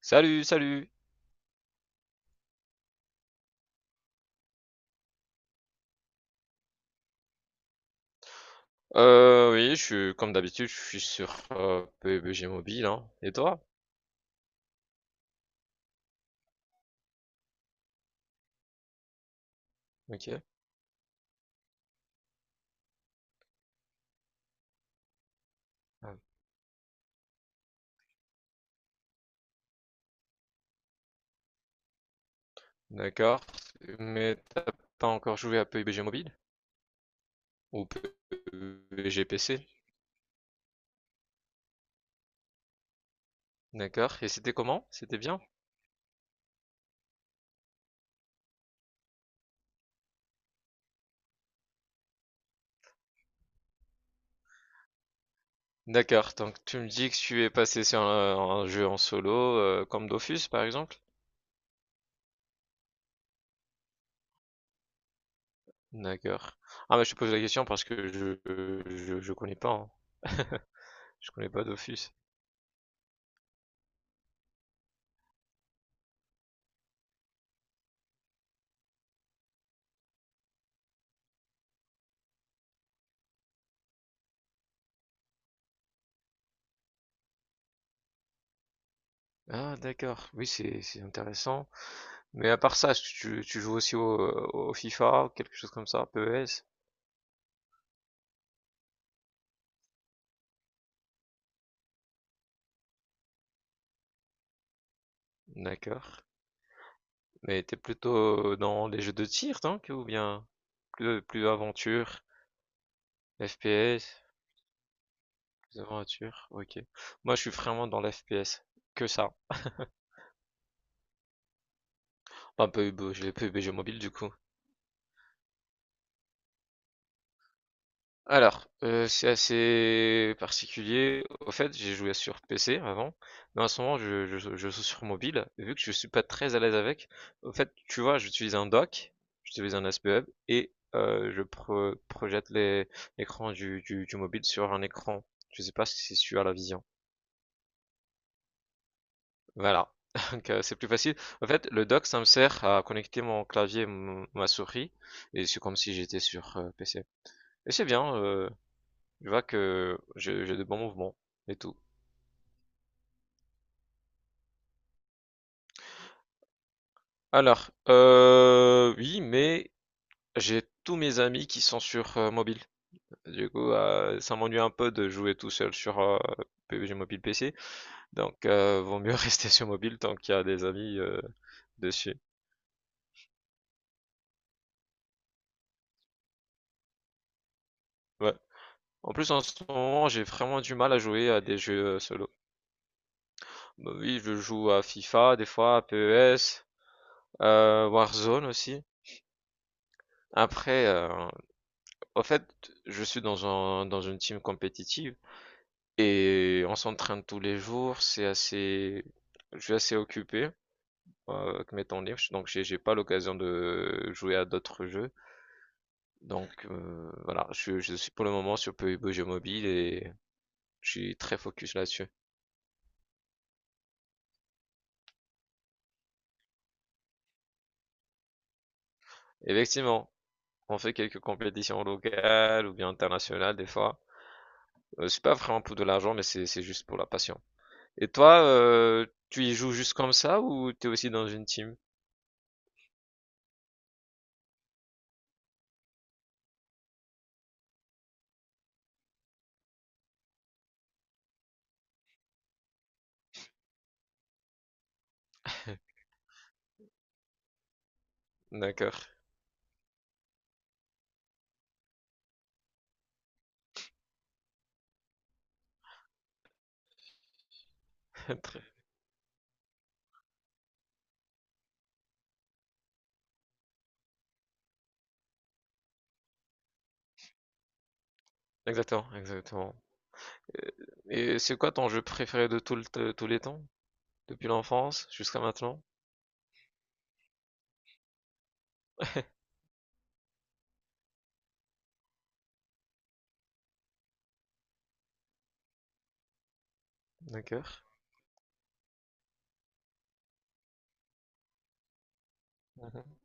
Salut, salut. Oui, je suis comme d'habitude, je suis sur PUBG Mobile, hein. Et toi? Ok. Ah, d'accord. Mais t'as pas encore joué à PUBG Mobile? Ou PUBG PC? D'accord. Et c'était comment? C'était bien? D'accord. Donc tu me dis que tu es passé sur un jeu en solo, comme Dofus par exemple? D'accord. Ah, mais je te pose la question parce que je connais pas, hein. Je connais pas d'office. Ah d'accord, oui c'est intéressant. Mais à part ça, tu joues aussi au FIFA, quelque chose comme ça, PES? D'accord. Mais t'es plutôt dans les jeux de tir, donc, ou bien plus aventure, FPS, plus aventure, ok. Moi je suis vraiment dans l'FPS, que ça. Pas PUBG, j'ai PUBG mobile du coup. Alors, c'est assez particulier. Au fait, j'ai joué sur PC avant, mais en ce moment je joue sur mobile, et vu que je suis pas très à l'aise avec, au fait, tu vois, j'utilise un dock, j'utilise un SPUB et je projette les l'écran du mobile sur un écran. Je sais pas si tu as la vision. Voilà, donc c'est plus facile. En fait, le dock, ça me sert à connecter mon clavier, m ma souris, et c'est comme si j'étais sur, PC, et c'est bien, je vois que j'ai de bons mouvements et tout. Alors, oui, mais j'ai tous mes amis qui sont sur mobile. Du coup, ça m'ennuie un peu de jouer tout seul sur PUBG Mobile PC. Donc, vaut mieux rester sur mobile tant qu'il y a des amis dessus. Ouais. En plus, en ce moment, j'ai vraiment du mal à jouer à des jeux solo. Bah oui, je joue à FIFA des fois, à PES, Warzone aussi. Après, au fait, je suis dans dans une team compétitive. Et on s'entraîne tous les jours, c'est assez, je suis assez occupé, avec mes temps libres, donc j'ai pas l'occasion de jouer à d'autres jeux. Donc voilà, je suis pour le moment sur PUBG Jeux Mobile et je suis très focus là-dessus. Effectivement, on fait quelques compétitions locales ou bien internationales des fois. C'est pas vraiment pour de l'argent, mais c'est juste pour la passion. Et toi, tu y joues juste comme ça ou t'es aussi dans une team? D'accord. Très- Exactement, exactement. Euh, Et c'est quoi ton jeu préféré de tous les temps? Depuis l'enfance jusqu'à maintenant? D'accord. Mhm.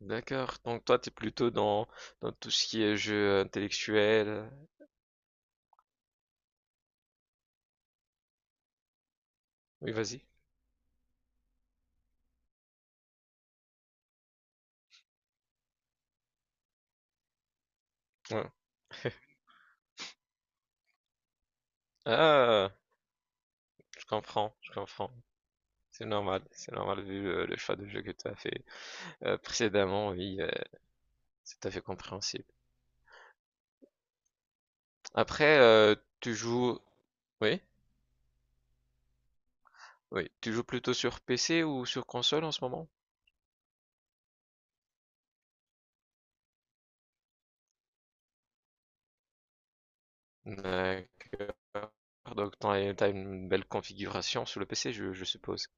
D'accord. Donc toi, t'es plutôt dans tout ce qui est jeu intellectuel. Oui, vas-y. Ouais. Ah, je comprends, je comprends. C'est normal, c'est normal, vu le choix de jeu que tu as fait précédemment. Oui, c'est tout à fait compréhensible. Après, tu joues... Oui? Oui. Tu joues plutôt sur PC ou sur console en ce moment? D'accord. Donc tu as une belle configuration sur le PC, je suppose.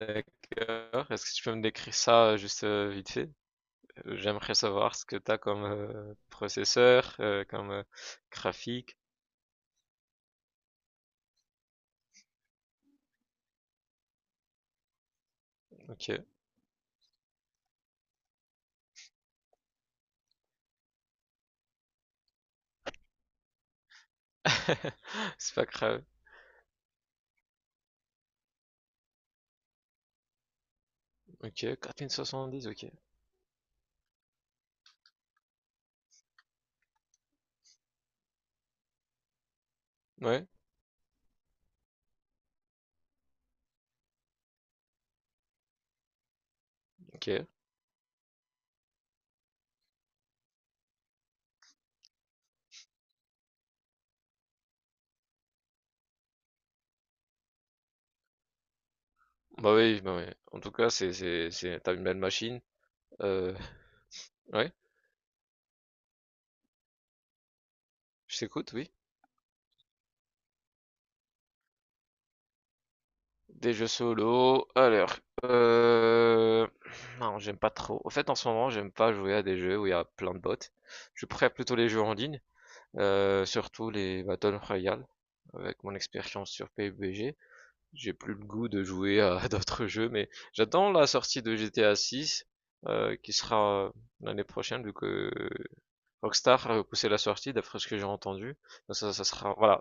D'accord. Est-ce que tu peux me décrire ça juste vite fait? J'aimerais savoir ce que tu as comme processeur, comme graphique. Ok. C'est pas grave. Ok, 4070, ok. Ouais, ok. Bah oui, bah oui. En tout cas, c'est, t'as une belle machine. Euh, ouais, je t'écoute, oui. Des jeux solo. Alors, euh... non, j'aime pas trop. En fait, en ce moment, j'aime pas jouer à des jeux où il y a plein de bots. Je préfère plutôt les jeux en ligne, surtout les Battle Royale. Avec mon expérience sur PUBG, j'ai plus le goût de jouer à d'autres jeux, mais j'attends la sortie de GTA 6, qui sera l'année prochaine, vu que Rockstar a repoussé la sortie, d'après ce que j'ai entendu. Donc ça sera, voilà,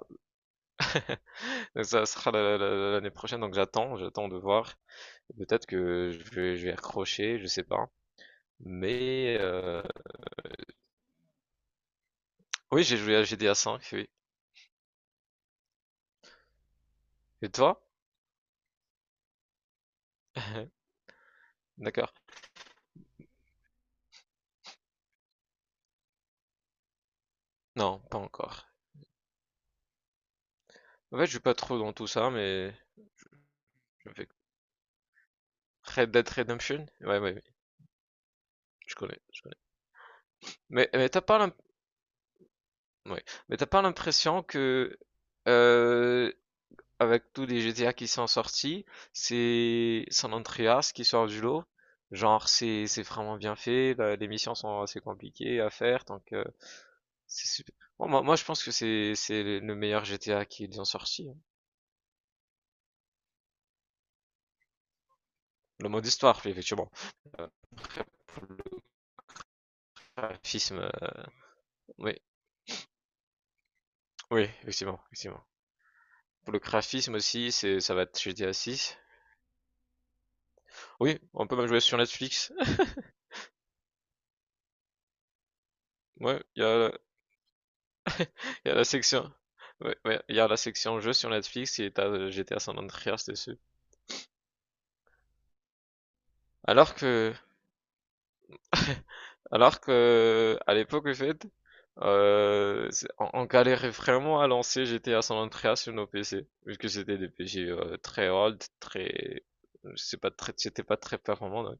donc ça sera l'année prochaine. Donc j'attends de voir. Peut-être que je vais accrocher, je sais pas. Mais oui, j'ai joué à GTA V, oui. Et toi? D'accord. Non, pas encore. En fait, je suis pas trop dans tout ça, mais je fais Red Dead Redemption? Ouais, ouais, ouais, je connais, je connais. Mais t'as pas l'im- ouais. Mais t'as pas l'impression que euh, avec tous les GTA qui sont sortis, c'est San Andreas qui sort du lot. Genre, c'est vraiment bien fait, les missions sont assez compliquées à faire, donc C'est sup moi je pense que c'est le meilleur GTA qu'ils ont sorti, hein. Le mode histoire, oui, effectivement. Heu, graphisme, oui, oui, effectivement, effectivement. Pour le graphisme aussi, c'est ça va être GTA 6. Oui, on peut même jouer sur Netflix. Ouais, il y a la section ouais, ouais, il y a la section jeux sur Netflix et tu as, GTA San Andreas dessus. Alors que alors que, à l'époque, en fait on galérait vraiment à lancer GTA San Andreas sur nos PC, vu que c'était des PC très old, très, c'était pas très performant. Donc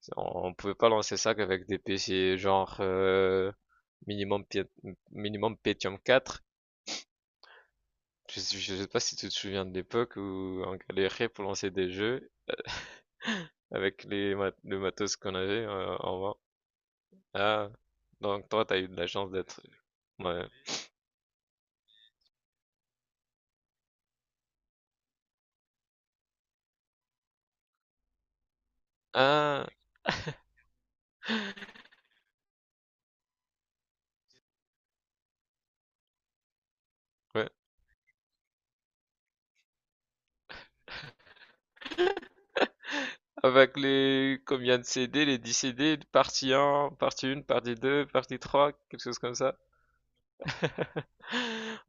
on pouvait pas lancer ça qu'avec des PC genre minimum Pie- minimum Pentium 4. Je sais pas si tu te souviens de l'époque où on galérait pour lancer des jeux avec les le matos qu'on avait en main. Ah, donc toi t'as eu de la chance d'être. Ouais. Ah. Ouais. Avec les combien de CD, les 10 CD, partie 1, partie 1, partie 2, partie 3, quelque chose comme ça.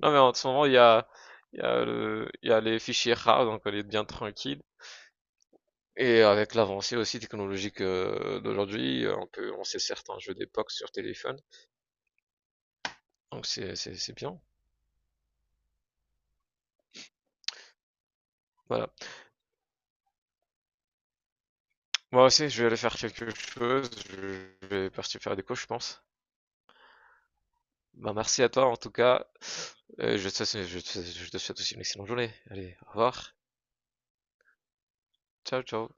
Non mais en ce moment il y a, il y a il y a les fichiers rares, donc on est bien tranquille. Et avec l'avancée aussi technologique d'aujourd'hui, on peut lancer certains jeux d'époque sur téléphone. Donc c'est bien. Voilà. Moi aussi, je vais aller faire quelque chose. Je vais partir faire des cours, je pense. Bah, merci à toi en tout cas. Je te souhaite aussi une excellente journée. Allez, au revoir. Ciao, ciao.